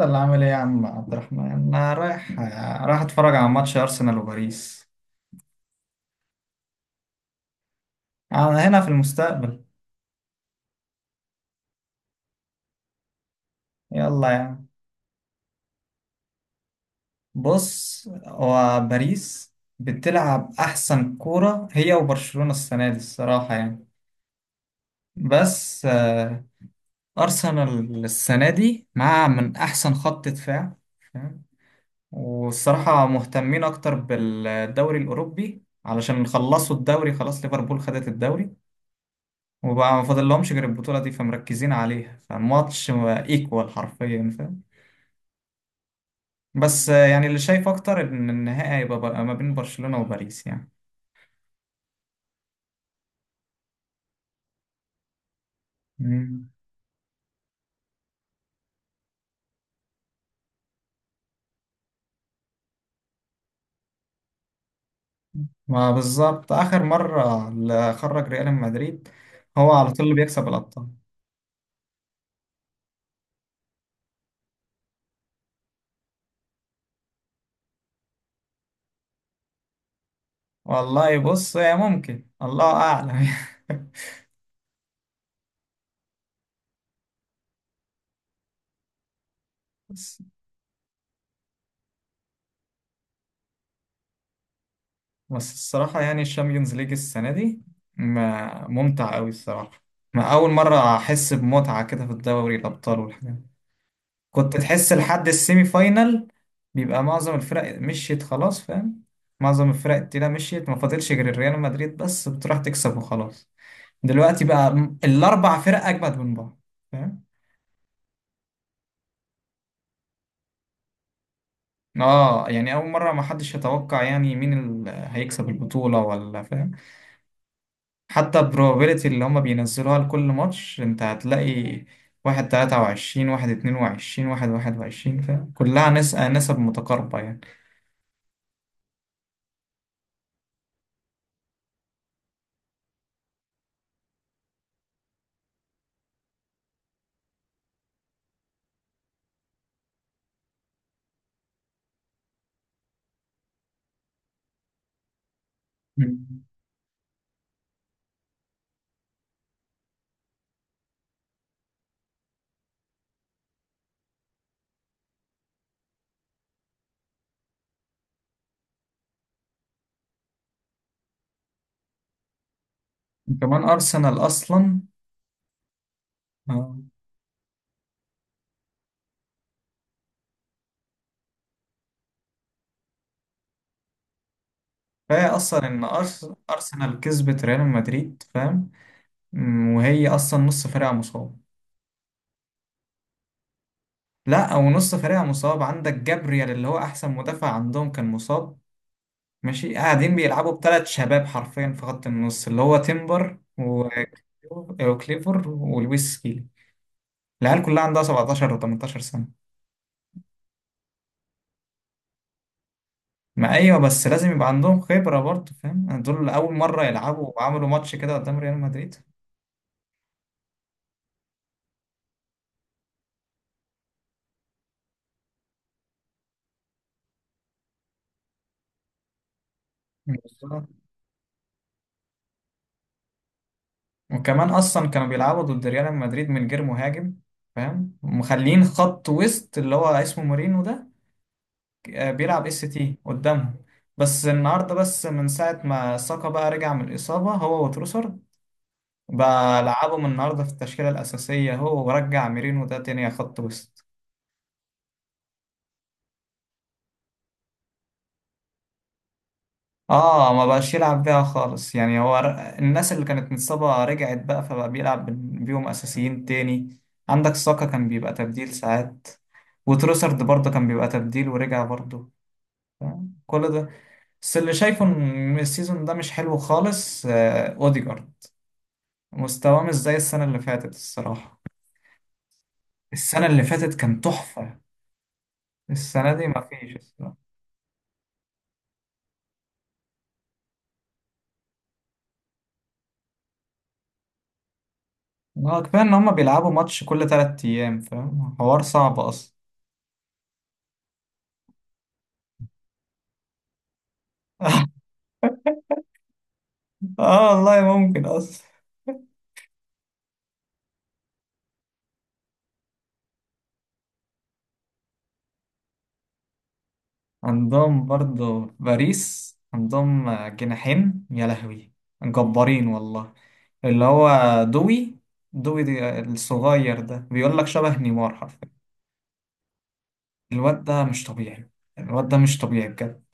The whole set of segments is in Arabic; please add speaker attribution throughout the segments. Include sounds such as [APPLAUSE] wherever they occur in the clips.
Speaker 1: يلا عامل ايه يا عم عبد الرحمن انا رايح اتفرج على ماتش ارسنال وباريس. انا هنا في المستقبل. يلا يا عم. بص هو باريس بتلعب احسن كورة هي وبرشلونة السنة دي الصراحة يعني بس ارسنال السنة دي مع من احسن خط دفاع. فاهم؟ والصراحة مهتمين اكتر بالدوري الاوروبي علشان خلصوا الدوري خلاص، ليفربول خدت الدوري وبقى ما فاضلهمش غير البطولة دي فمركزين عليها، فالماتش ايكوال حرفيا، فاهم؟ بس يعني اللي شايف أكتر إن النهائي هيبقى بقى ما بين برشلونة وباريس يعني. مم. ما بالظبط آخر مرة اللي خرج ريال مدريد؟ هو على طول اللي بيكسب الأبطال. والله بص هي ممكن، الله أعلم. [LAUGHS] بس بس الصراحة يعني الشامبيونز ليج السنة دي ما ممتع أوي الصراحة. ما أول مرة أحس بمتعة كده في الدوري الأبطال والحاجات. كنت تحس لحد السيمي فاينال بيبقى معظم الفرق مشيت خلاص، فاهم؟ معظم الفرق التقيلة مشيت، ما فاضلش غير الريال مدريد بس بتروح تكسب وخلاص. دلوقتي بقى الأربع فرق أجمد من بعض، فاهم؟ اه يعني أول مرة ما حدش يتوقع يعني مين اللي هيكسب البطولة ولا، فاهم؟ حتى البروبابيلتي اللي هما بينزلوها لكل ماتش انت هتلاقي واحد تلاتة وعشرين، واحد اتنين وعشرين، واحد واحد وعشرين، فاهم؟ كلها نسب متقاربة يعني. مم. وكمان أرسنال أصلا آه. فهي اصلا ان ارسنال كسبت ريال مدريد، فاهم؟ وهي اصلا نص فريقها مصاب. لا او نص فريقها مصاب، عندك جابريال اللي هو احسن مدافع عندهم كان مصاب. ماشي قاعدين بيلعبوا بثلاث شباب حرفيا في خط النص، اللي هو تيمبر وكليفر ولويس سكيلي. العيال كلها عندها 17 و18 سنة. ما ايوه بس لازم يبقى عندهم خبرة برضه، فاهم؟ دول اول مرة يلعبوا وعملوا ماتش كده قدام ريال مدريد. وكمان اصلا كانوا بيلعبوا ضد ريال مدريد من غير مهاجم، فاهم؟ ومخلين خط وسط اللي هو اسمه مورينو ده بيلعب اس تي قدامهم. بس النهارده، بس من ساعه ما ساكا بقى رجع من الاصابه هو وتروسر، بقى لعبهم النهارده في التشكيله الاساسيه هو، ورجع ميرينو ده تاني خط وسط. اه ما بقاش يلعب بيها خالص يعني، هو الناس اللي كانت متصابة رجعت بقى، فبقى بيلعب بيهم أساسيين تاني. عندك ساكا كان بيبقى تبديل ساعات، وتروسرد برضه كان بيبقى تبديل ورجع برضه. فاهم؟ كل ده بس اللي شايفه ان السيزون ده مش حلو خالص، اوديجارد مستواه مش زي السنة اللي فاتت الصراحة. السنة اللي فاتت كان تحفة، السنة دي مفيش الصراحة. كفاية ان هما بيلعبوا ماتش كل تلات ايام، فاهم؟ حوار صعب اصلا. [LAUGHS] اه والله ممكن اصلا. عندهم برضو في باريس عندهم جناحين يا لهوي جبارين والله. اللي هو دوي، دوي دي الصغير ده بيقول لك شبه نيمار حرفيا. الواد ده مش طبيعي، الواد ده مش طبيعي بجد.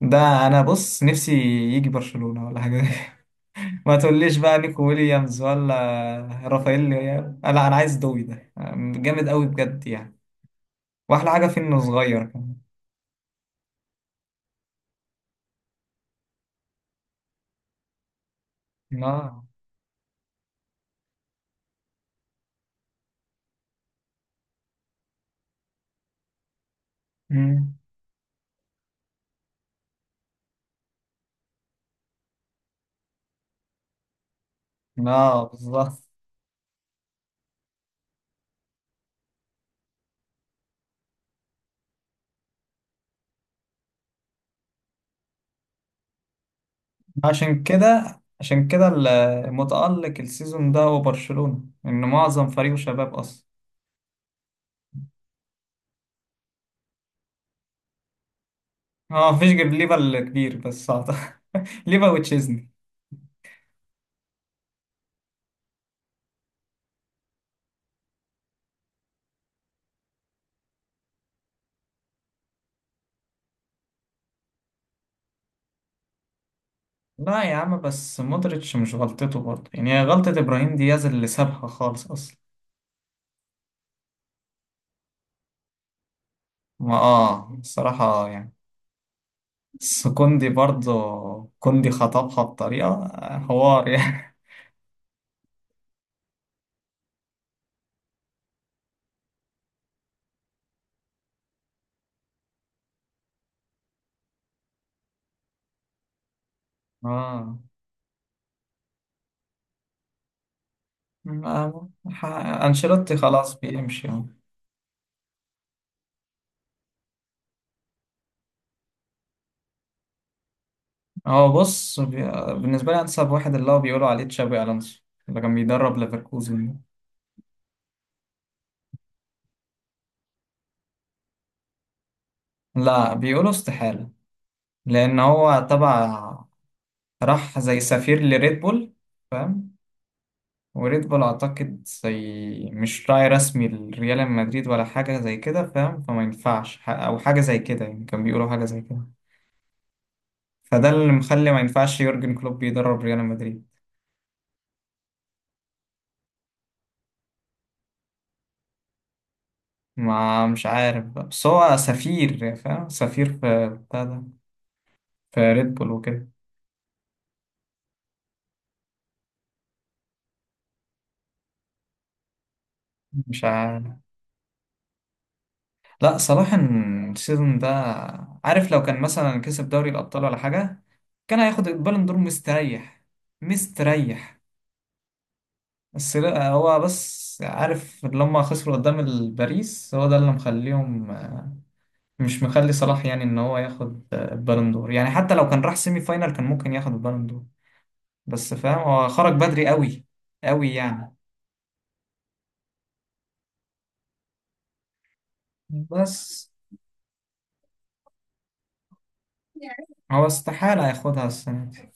Speaker 1: ده انا بص نفسي يجي برشلونة ولا حاجة. [LAUGHS] ما تقوليش بقى نيكو ويليامز ولا رافائيل، لا انا عايز دوي ده جامد قوي بجد يعني. واحلى حاجة فيه انه صغير كمان. اه. مم. اه بالظبط. عشان كده المتألق السيزون ده هو برشلونة، إن معظم فريقه شباب أصلا. اه مفيش غير ليفا الكبير بس أعتقد. [LAUGHS] ليفا وتشيزني. لا يا عم بس مودريتش مش غلطته برضه يعني، هي غلطة إبراهيم دياز اللي سابها خالص أصلا. ما اه الصراحة يعني. بس كوندي برضه، كوندي خطبها بطريقة، حوار يعني. [LAUGHS] اه ما- ح- أنشيلوتي خلاص بيمشي. هو بص بالنسبة لي أنسب واحد اللي هو بيقولوا عليه تشابي ألونسو، اللي كان بيدرب ليفركوزن ده. لا بيقولوا استحالة، لأن هو تبع، راح زي سفير لريد بول، فاهم؟ وريد بول أعتقد زي مش راعي رسمي لريال مدريد ولا حاجة زي كده، فاهم؟ فما ينفعش أو حاجة زي كده يعني، كان بيقولوا حاجة زي كده. فده اللي مخلي ما ينفعش يورجن كلوب يدرب ريال مدريد. ما مش عارف بقى. بس هو سفير، فاهم؟ سفير في بتاع ده، في ريد بول وكده. مش عارف. لا صلاح السيزون ده، عارف لو كان مثلا كسب دوري الأبطال ولا حاجة كان هياخد البالون دور مستريح. مستريح. بس لا هو بس عارف لما خسروا قدام الباريس هو ده اللي مخليهم مش مخلي صلاح يعني ان هو ياخد البالون دور يعني، حتى لو كان راح سيمي فاينال كان ممكن ياخد البالون دور، بس فاهم هو خرج بدري قوي، قوي يعني. بس هو استحالة ياخدها السنة دي.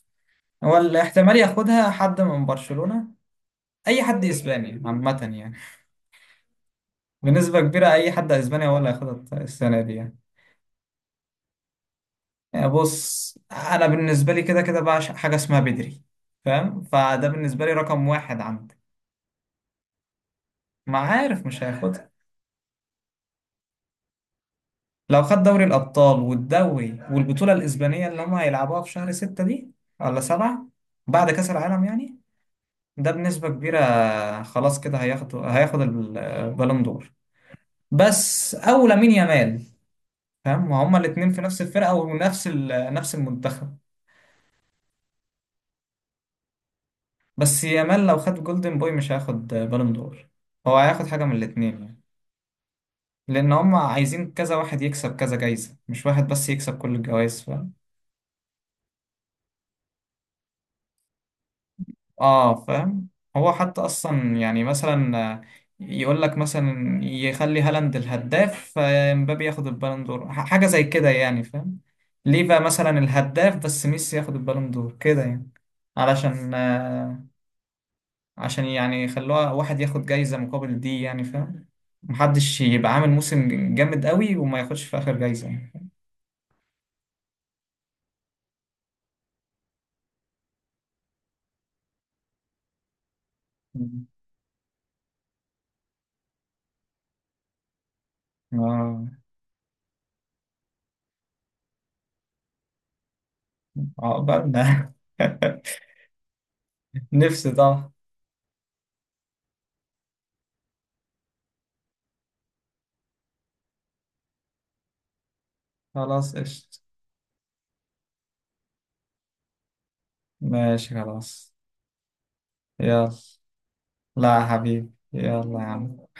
Speaker 1: هو الاحتمال ياخدها حد من برشلونة، اي حد اسباني عامه يعني، بنسبه كبيره اي حد اسباني هو اللي هياخدها السنه دي يعني. يعني بص انا بالنسبه لي كده كده بعشق حاجه اسمها بدري، فاهم؟ فده بالنسبه لي رقم واحد عندي. ما عارف مش هياخدها. لو خد دوري الابطال والدوري والبطوله الاسبانيه اللي هم هيلعبوها في شهر ستة دي ولا سبعة، بعد كاس العالم يعني، ده بنسبه كبيره. خلاص كده هياخد البالون دور. بس او لامين يامال، فاهم؟ وهما الاثنين في نفس الفرقه ونفس نفس المنتخب. بس يامال لو خد جولدن بوي مش هياخد بالون دور، هو هياخد حاجة من الاتنين يعني. لأن هم عايزين كذا واحد يكسب كذا جايزة، مش واحد بس يكسب كل الجوائز، فاهم؟ اه فاهم. هو حتى أصلا يعني مثلا يقول لك مثلا يخلي هالاند الهداف، فمبابي ياخد البالون دور، حاجة زي كده يعني، فاهم؟ ليه بقى مثلا الهداف بس ميسي ياخد البالون دور كده يعني. علشان يعني يخلوها واحد ياخد جايزة مقابل دي يعني، فاهم؟ محدش يبقى عامل موسم جامد قوي وما ياخدش في آخر جايزة يعني. مم. آه. عقبالنا. [LAUGHS] نفسي طبعا. خلاص قشطة. ماشي خلاص. يلا. لا يا حبيبي، يلا يا عم.